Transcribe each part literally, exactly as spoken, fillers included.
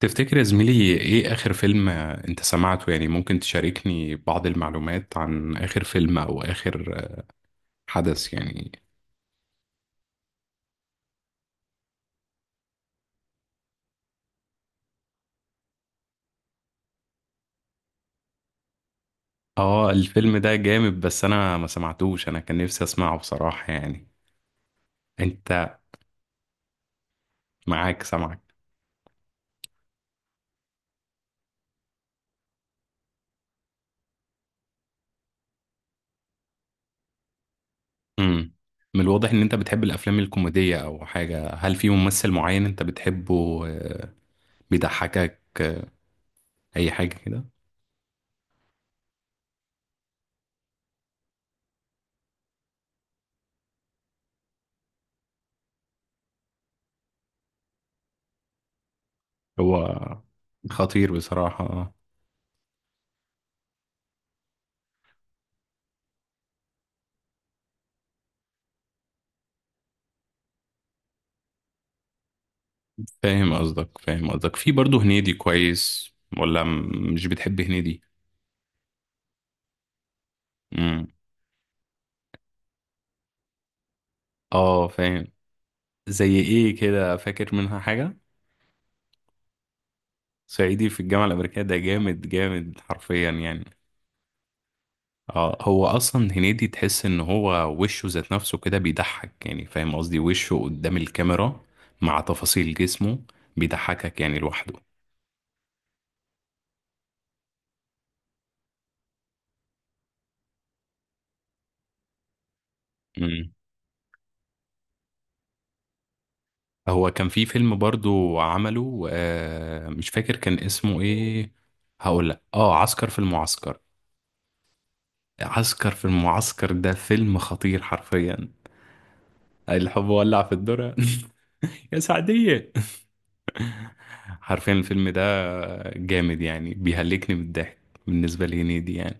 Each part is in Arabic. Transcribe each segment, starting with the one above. تفتكر يا زميلي ايه اخر فيلم انت سمعته يعني، ممكن تشاركني بعض المعلومات عن اخر فيلم او اخر حدث يعني؟ اه، الفيلم ده جامد بس انا ما سمعتوش، انا كان نفسي اسمعه بصراحة يعني. انت معاك سمعك. امم من الواضح ان انت بتحب الافلام الكوميدية او حاجة. هل في ممثل معين انت بتحبه، آه، بيضحكك، آه، اي حاجة كده؟ هو خطير بصراحة. فاهم قصدك، فاهم قصدك. في برضه هنيدي كويس ولا م- مش بتحب هنيدي؟ امم اه، فاهم. زي ايه كده؟ فاكر منها حاجة؟ صعيدي في الجامعة الأمريكية ده جامد جامد حرفيا يعني. اه، هو اصلا هنيدي تحس ان هو وشه ذات نفسه كده بيضحك يعني، فاهم قصدي؟ وشه قدام الكاميرا مع تفاصيل جسمه بيضحكك يعني لوحده. هو كان في فيلم برضو عمله، آه مش فاكر كان اسمه ايه. هقول لك، اه عسكر في المعسكر. عسكر في المعسكر ده فيلم خطير حرفيا. الحب ولع في الدرة. يا سعدية. حرفيا الفيلم ده جامد يعني، بيهلكني بالضحك بالنسبة لهنيدي يعني.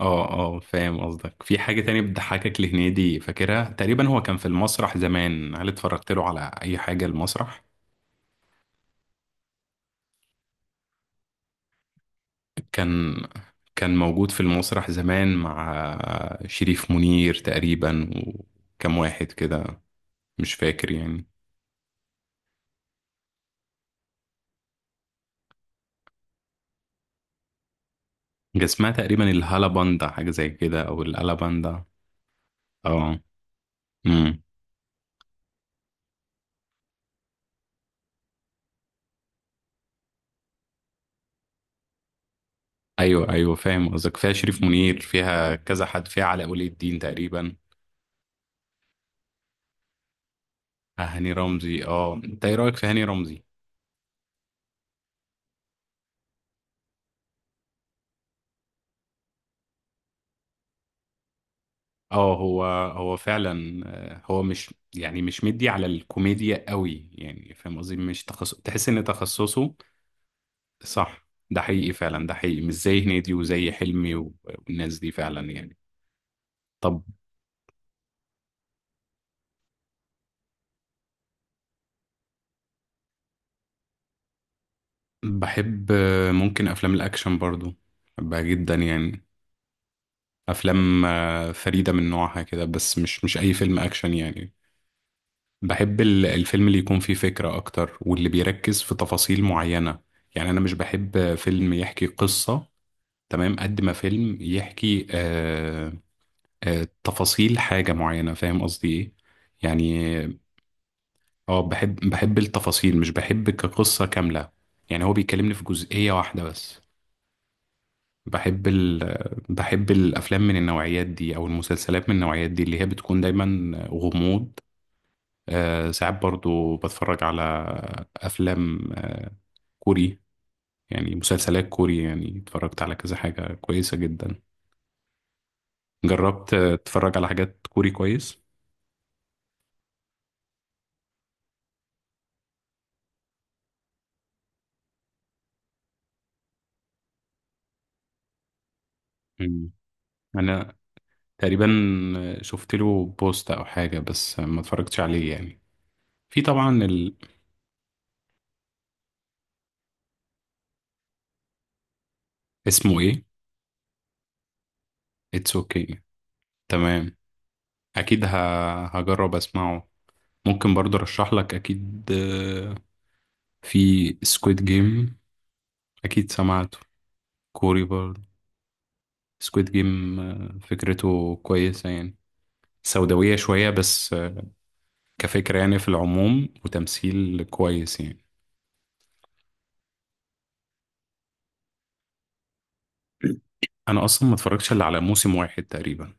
اه، اه، فاهم قصدك. في حاجة تانية بتضحكك لهنيدي فاكرها تقريبا؟ هو كان في المسرح زمان، هل اتفرجت له على اي حاجة المسرح؟ كان كان موجود في المسرح زمان مع شريف منير تقريبا، وكم واحد كده، مش فاكر يعني. كان اسمها تقريبا الهالاباندا، حاجة زي كده، أو الألاباندا. اه. امم أيوه، أيوه، فاهم قصدك. فيها شريف منير، فيها كذا حد، فيها علاء ولي الدين تقريبا. آه، هاني رمزي، اه انت ايه رأيك في هاني رمزي؟ اه، هو هو فعلا، آه، هو مش يعني مش مدي على الكوميديا قوي يعني، فاهم قصدي؟ مش تخصص، تحس ان تخصصه. صح، ده حقيقي فعلا، ده حقيقي، مش زي هنيدي وزي حلمي و- والناس دي فعلا يعني. طب، بحب، آه، ممكن أفلام الأكشن برضو بحبها جدا يعني. أفلام، آه، فريدة من نوعها كده، بس مش مش أي فيلم أكشن يعني. بحب ال- الفيلم اللي يكون فيه فكرة أكتر، واللي بيركز في تفاصيل معينة. يعني أنا مش بحب فيلم يحكي قصة تمام قد ما فيلم يحكي آه آه تفاصيل حاجة معينة، فاهم قصدي إيه؟ يعني، اه، بحب بحب التفاصيل، مش بحب كقصة كاملة يعني. هو بيكلمني في جزئية واحدة بس. بحب ال... بحب الأفلام من النوعيات دي أو المسلسلات من النوعيات دي اللي هي بتكون دايما غموض. آه ساعات برضو بتفرج على أفلام آه كوري، يعني مسلسلات كوري يعني، اتفرجت على كذا حاجة كويسة جدا. جربت آه، تتفرج على حاجات كوري كويس؟ مم. أنا تقريبا شفت له بوست أو حاجة بس ما اتفرجتش عليه يعني. في طبعا. اسمه ايه؟ اتس اوكي، تمام. اكيد ه... هجرب اسمعه. ممكن برضه ارشح لك اكيد، آه، في سكويد جيم، اكيد سمعته. كوري برضه، سكويد جيم فكرته كويسة يعني، سوداوية شوية بس، آه، كفكرة يعني في العموم، وتمثيل كويس يعني. انا اصلا ما اتفرجتش الا على موسم واحد تقريبا.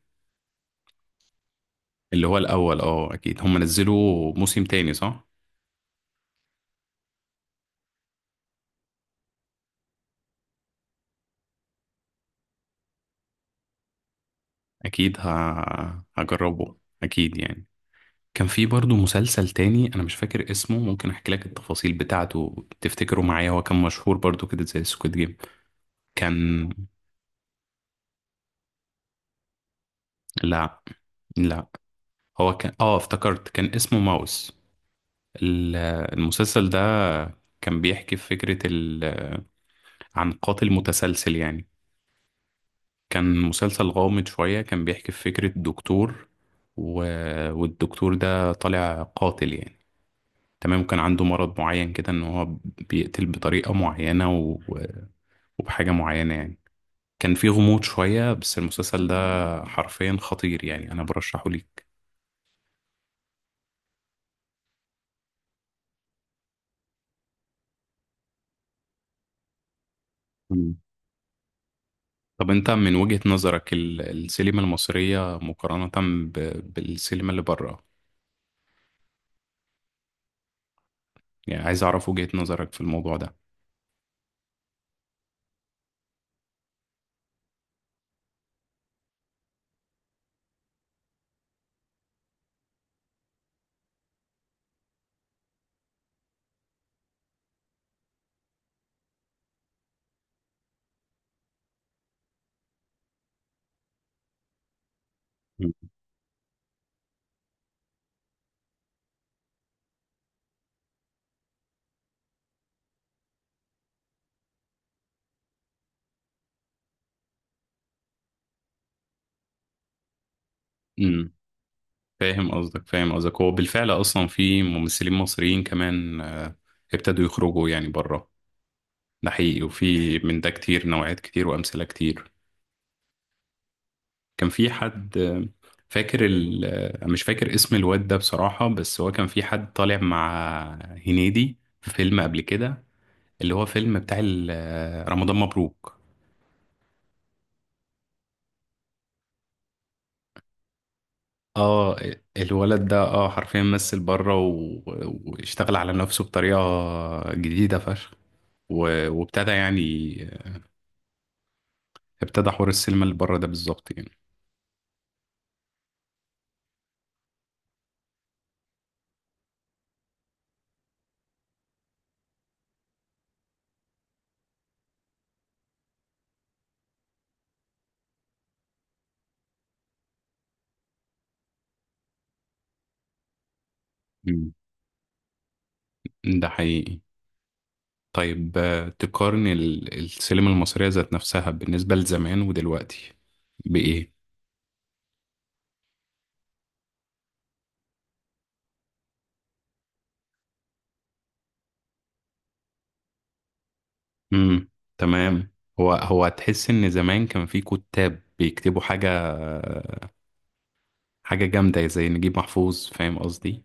اللي هو الاول، اه اكيد هم نزلوا موسم تاني، صح؟ اكيد ه... هجربه اكيد يعني. كان في برضه مسلسل تاني انا مش فاكر اسمه، ممكن احكي لك التفاصيل بتاعته، تفتكره معايا؟ هو كان مشهور برضه كده زي سكويد جيم. كان لا، لا، هو كان، اه افتكرت، كان اسمه ماوس. ال- المسلسل ده كان بيحكي في فكرة ال... عن قاتل متسلسل يعني. كان مسلسل غامض شوية، كان بيحكي في فكرة دكتور، و... والدكتور ده طالع قاتل يعني، تمام. كان عنده مرض معين كده ان هو بيقتل بطريقة معينة وبحاجة معينة يعني. كان في غموض شوية بس المسلسل ده حرفيا خطير يعني، أنا برشحه ليك. مم. طب، أنت من وجهة نظرك ال- السينما المصرية مقارنة ب- بالسينما اللي بره، يعني عايز أعرف وجهة نظرك في الموضوع ده. مم. امم فاهم قصدك، فاهم قصدك. هو بالفعل اصلا في ممثلين مصريين كمان، آه، ابتدوا يخرجوا يعني بره، ده حقيقي، وفي من ده كتير، نوعيات كتير، وامثله كتير. كان في حد فاكر ال... مش فاكر اسم الواد ده بصراحة، بس هو كان في حد طالع مع هنيدي في فيلم قبل كده، اللي هو فيلم بتاع ال- رمضان مبروك. اه، الولد ده اه حرفيا مثل بره و... واشتغل على نفسه بطريقة جديدة فشخ، و... وابتدى يعني، ابتدى حوار السينما اللي بره ده بالظبط يعني. مم. ده حقيقي. طيب، آه، تقارن ال- السينما المصرية ذات نفسها بالنسبة لزمان ودلوقتي بإيه؟ امم تمام. هو هو تحس ان زمان كان في كتاب بيكتبوا حاجه، حاجه جامده زي نجيب محفوظ، فاهم قصدي؟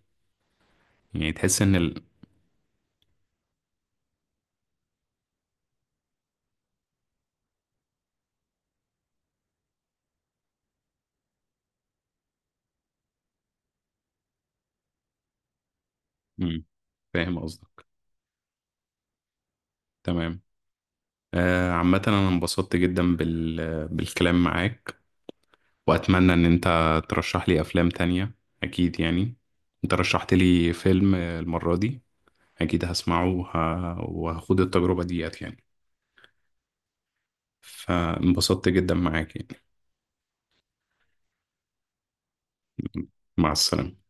يعني تحس ان ال... امم فاهم قصدي، تمام. آه عامه انا انبسطت جدا بال... بالكلام معاك، واتمنى ان انت ترشح لي افلام تانية اكيد يعني، انت رشحت لي فيلم المره دي، اكيد هسمعه وه... وهاخد التجربه ديت يعني، فانبسطت جدا معاك يعني. مع السلامه.